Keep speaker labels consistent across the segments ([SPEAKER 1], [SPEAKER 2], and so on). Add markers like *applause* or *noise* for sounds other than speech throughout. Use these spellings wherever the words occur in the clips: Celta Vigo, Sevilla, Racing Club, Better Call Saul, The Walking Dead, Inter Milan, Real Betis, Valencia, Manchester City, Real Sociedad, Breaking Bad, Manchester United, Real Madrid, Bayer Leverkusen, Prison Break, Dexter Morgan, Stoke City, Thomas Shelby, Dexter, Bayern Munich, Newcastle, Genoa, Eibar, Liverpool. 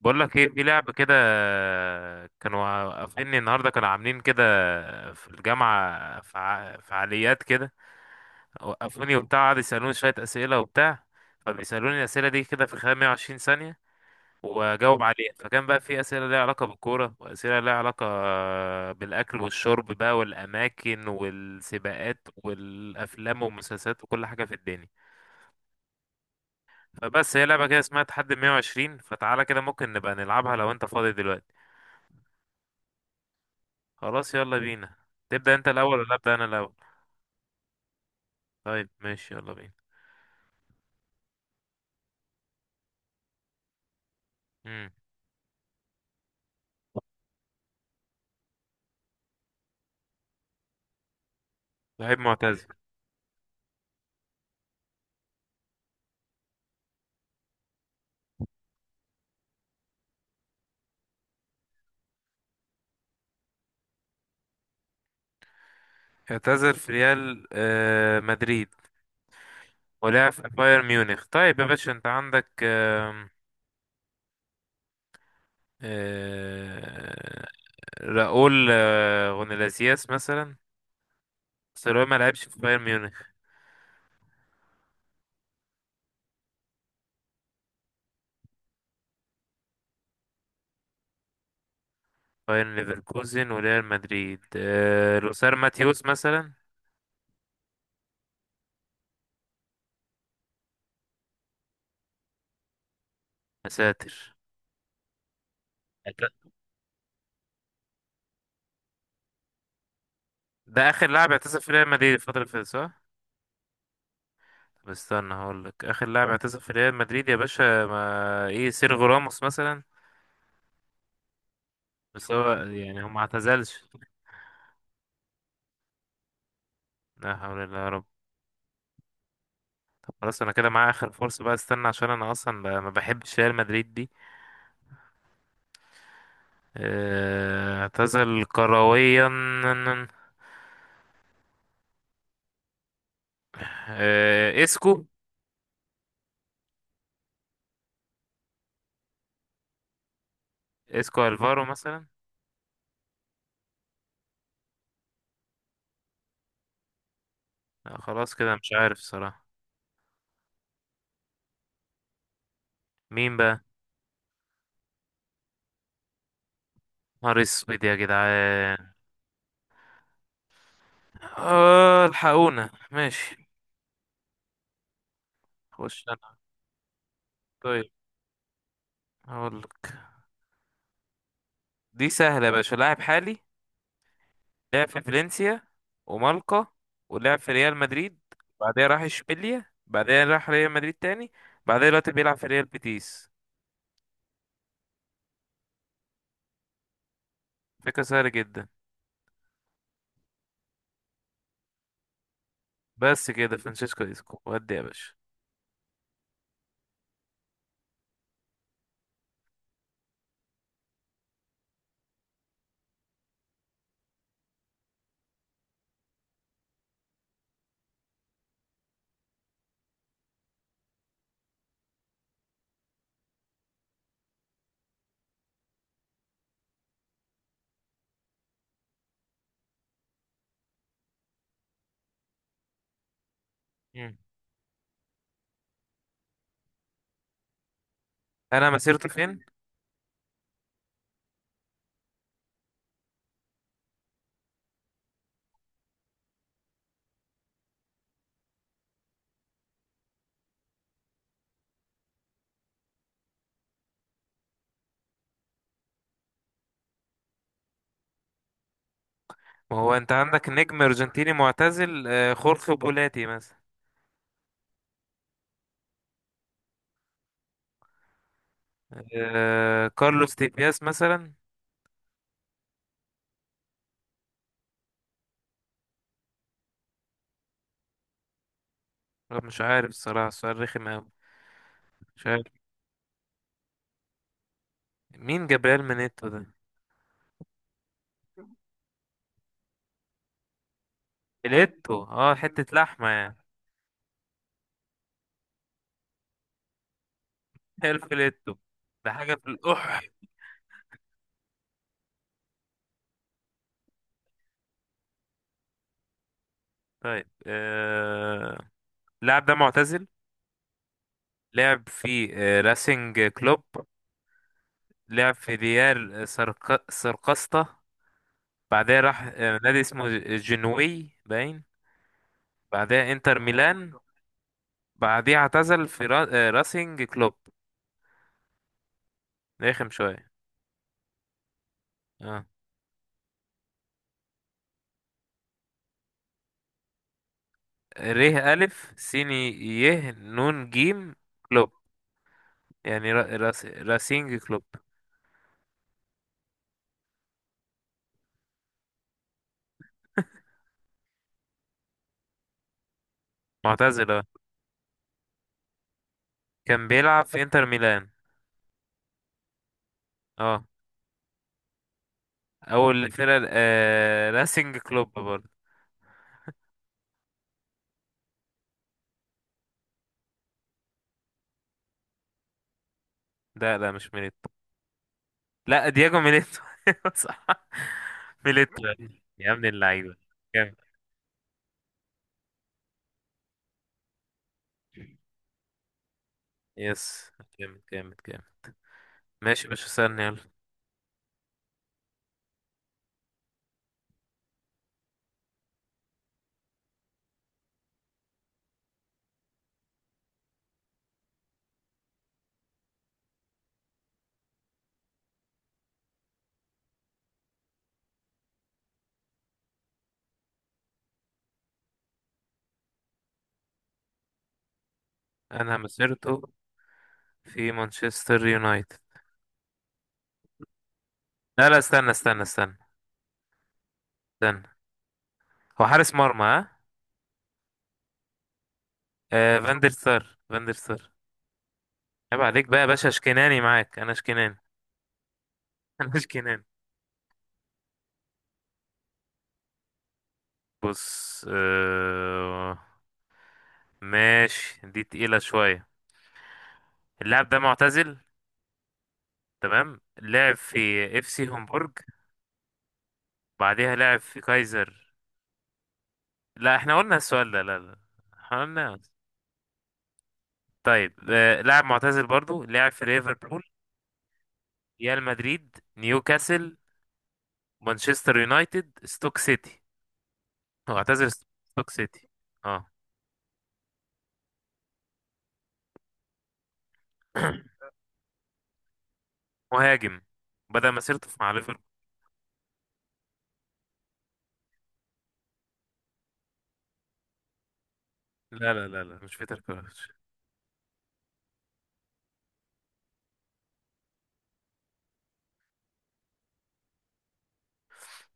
[SPEAKER 1] بقول لك ايه، في لعبة كده. كانوا وقفيني النهارده، كانوا عاملين كده في الجامعة فعاليات كده. وقفوني وبتاع، قعدوا يسألوني شوية أسئلة وبتاع. فبيسألوني الأسئلة دي كده في خلال 120 ثانية وأجاوب عليها. فكان بقى في أسئلة ليها علاقة بالكورة، وأسئلة ليها علاقة بالأكل والشرب بقى، والأماكن والسباقات والأفلام والمسلسلات وكل حاجة في الدنيا. فبس هي لعبة كده اسمها تحدي 120. فتعالى كده، ممكن نبقى نلعبها لو أنت فاضي دلوقتي. خلاص، يلا بينا. تبدأ انت الاول ولا ابدأ انا الاول؟ طيب ماشي، يلا بينا. امم. لعيب معتزل. اعتزل في ريال مدريد، ولعب في بايرن ميونخ. طيب يا باشا، انت عندك آه راؤول غونلاسياس مثلا؟ بس راؤول ما لعبش في بايرن ميونخ. بايرن ليفركوزن وريال مدريد. لوسار ماتيوس مثلا؟ يا ساتر. ده اخر لاعب اعتزل في ريال مدريد الفترة اللي فاتت، صح؟ طب استنى، هقول لك اخر لاعب اعتزل في ريال مدريد يا باشا. ما ايه، سيرجو راموس مثلا؟ بس هو يعني هو ما اعتزلش. لا حول الله يا رب. خلاص، انا كده معايا اخر فرصه بقى. استنى، عشان انا اصلا ما بحبش ريال مدريد دي. اعتزل كرويا. اسكو، اسكو الفارو مثلا؟ لا، خلاص كده مش عارف الصراحه. مين بقى؟ نهار اسود يا جدعان. اه، الحقونا ماشي. خش انا. طيب، هقول لك. دي سهله يا باشا، لاعب حالي. لعب في فالنسيا ومالقا، ولعب في ريال مدريد، بعدها راح اشبيليا، بعدها راح ريال مدريد تاني، بعدها دلوقتي بيلعب في ريال بيتيس. فكرة سهلة جدا. بس كده فرانشيسكو اسكو، ودي يا باشا. مم. انا مسيرته فين؟ ما هو انت عندك نجم ارجنتيني معتزل. خورخي بولاتي مثلا؟ كارلوس تيبياس مثلا؟ لا، مش عارف الصراحة، السؤال رخم أوي. مش عارف. مين جابريل منيتو ده؟ فيليتو، اه، حتة لحمة يعني. *laughs* الفيليتو ده حاجة في القح. طيب اللاعب ده معتزل، لعب في راسينج كلوب، لعب في ريال سرقسطة، بعدها راح نادي اسمه جنوي باين، بعدها انتر ميلان، بعدها اعتزل في راسينج كلوب. رخم شوية. اه. ر، ألف، سين، ي، نون، جيم، كلوب. يعني راسينج كلوب. معتزل، اه. كان بيلعب في انتر ميلان. اه. اول فرقة راسينج كلوب برضه. لا لا، مش ميليتو. لا، دياجو ميليتو. *laughs* صح. ميليتو. يا ابن اللعيبة. جامد. يس. جامد جامد جامد. ماشي يا باشا، استنى يلا. أنا مسيرته في مانشستر يونايتد. لا لا، استنى استنى استنى استنى. هو حارس مرمى، ها. فاندر سار فاندر سار. عيب عليك بقى يا باشا، اشكناني معاك، أنا اشكناني. *laughs* أنا اشكناني. بص، ماشي. دي تقيلة شوية. اللاعب ده معتزل، تمام. لعب في اف سي هومبورج. بعديها لعب في كايزر. لا، احنا قلنا السؤال ده، لا لا. احنا قلنا. طيب، لاعب معتزل برضو. لعب في ليفربول، ريال مدريد، نيوكاسل، مانشستر يونايتد، ستوك سيتي. هو اعتزل ستوك سيتي. اه. *clears throat* مهاجم. بدأ مسيرته مع ليفربول. لا لا لا لا، مش بيتر كروتش.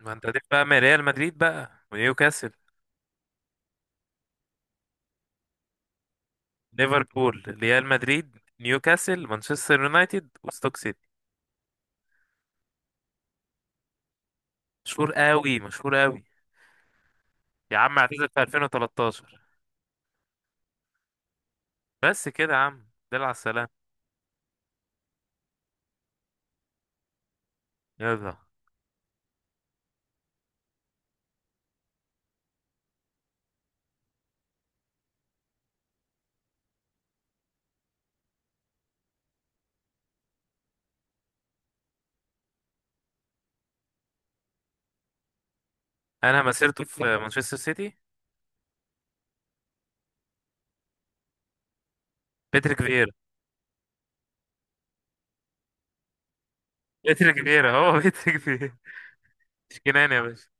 [SPEAKER 1] ما انت هتبقى بقى من ريال مدريد بقى ونيوكاسل. ليفربول، ريال مدريد، نيوكاسل، مانشستر يونايتد، وستوك سيتي. مشهور قوي مشهور قوي. يا عم اعتزل في 2013. بس كده يا عم، دل على السلام. يلا. انا مسيرته في مانشستر سيتي. باتريك فييرا. باتريك فييرا. *laughs* هو باتريك فييرا. اشكناني يا باشا.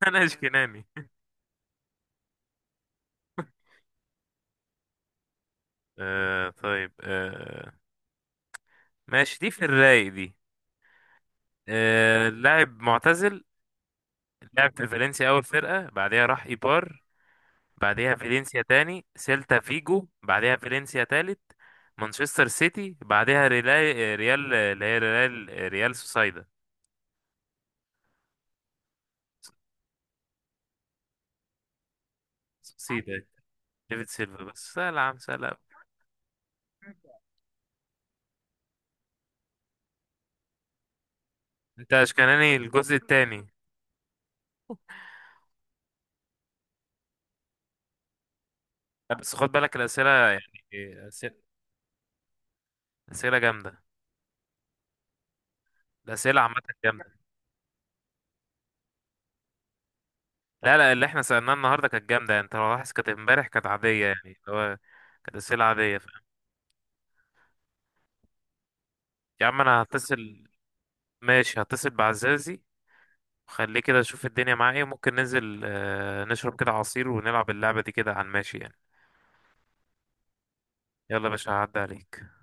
[SPEAKER 1] *laughs* انا اشكناني. طيب، ماشي. دي في الرايق دي. لاعب معتزل. لعب في فالنسيا اول فرقة، بعدها راح ايبار، بعدها فالنسيا تاني، سيلتا فيجو، بعدها فالنسيا تالت، مانشستر سيتي، بعدها ريال، ريال اللي هي ريال، ريال سوسايدا. سيدا. ديفيد سيلفا، بس سهل يا عم، سهل. انت اشكناني الجزء التاني. لا، بس خد بالك الاسئله يعني. اسئله. اسئله جامده. الاسئله عامه. جامده. لا لا، اللي احنا سالناه النهارده كانت جامده يعني. انت لو لاحظ كانت امبارح، كانت عاديه يعني، اللي هو كانت اسئله عاديه، فاهم؟ يا عم انا هتصل. ماشي، هتصل بعزازي، خليه كده اشوف الدنيا معاه ايه. ممكن ننزل، نشرب كده عصير، ونلعب اللعبه دي كده على الماشي يعني. يلا يا باشا، هعدي عليك.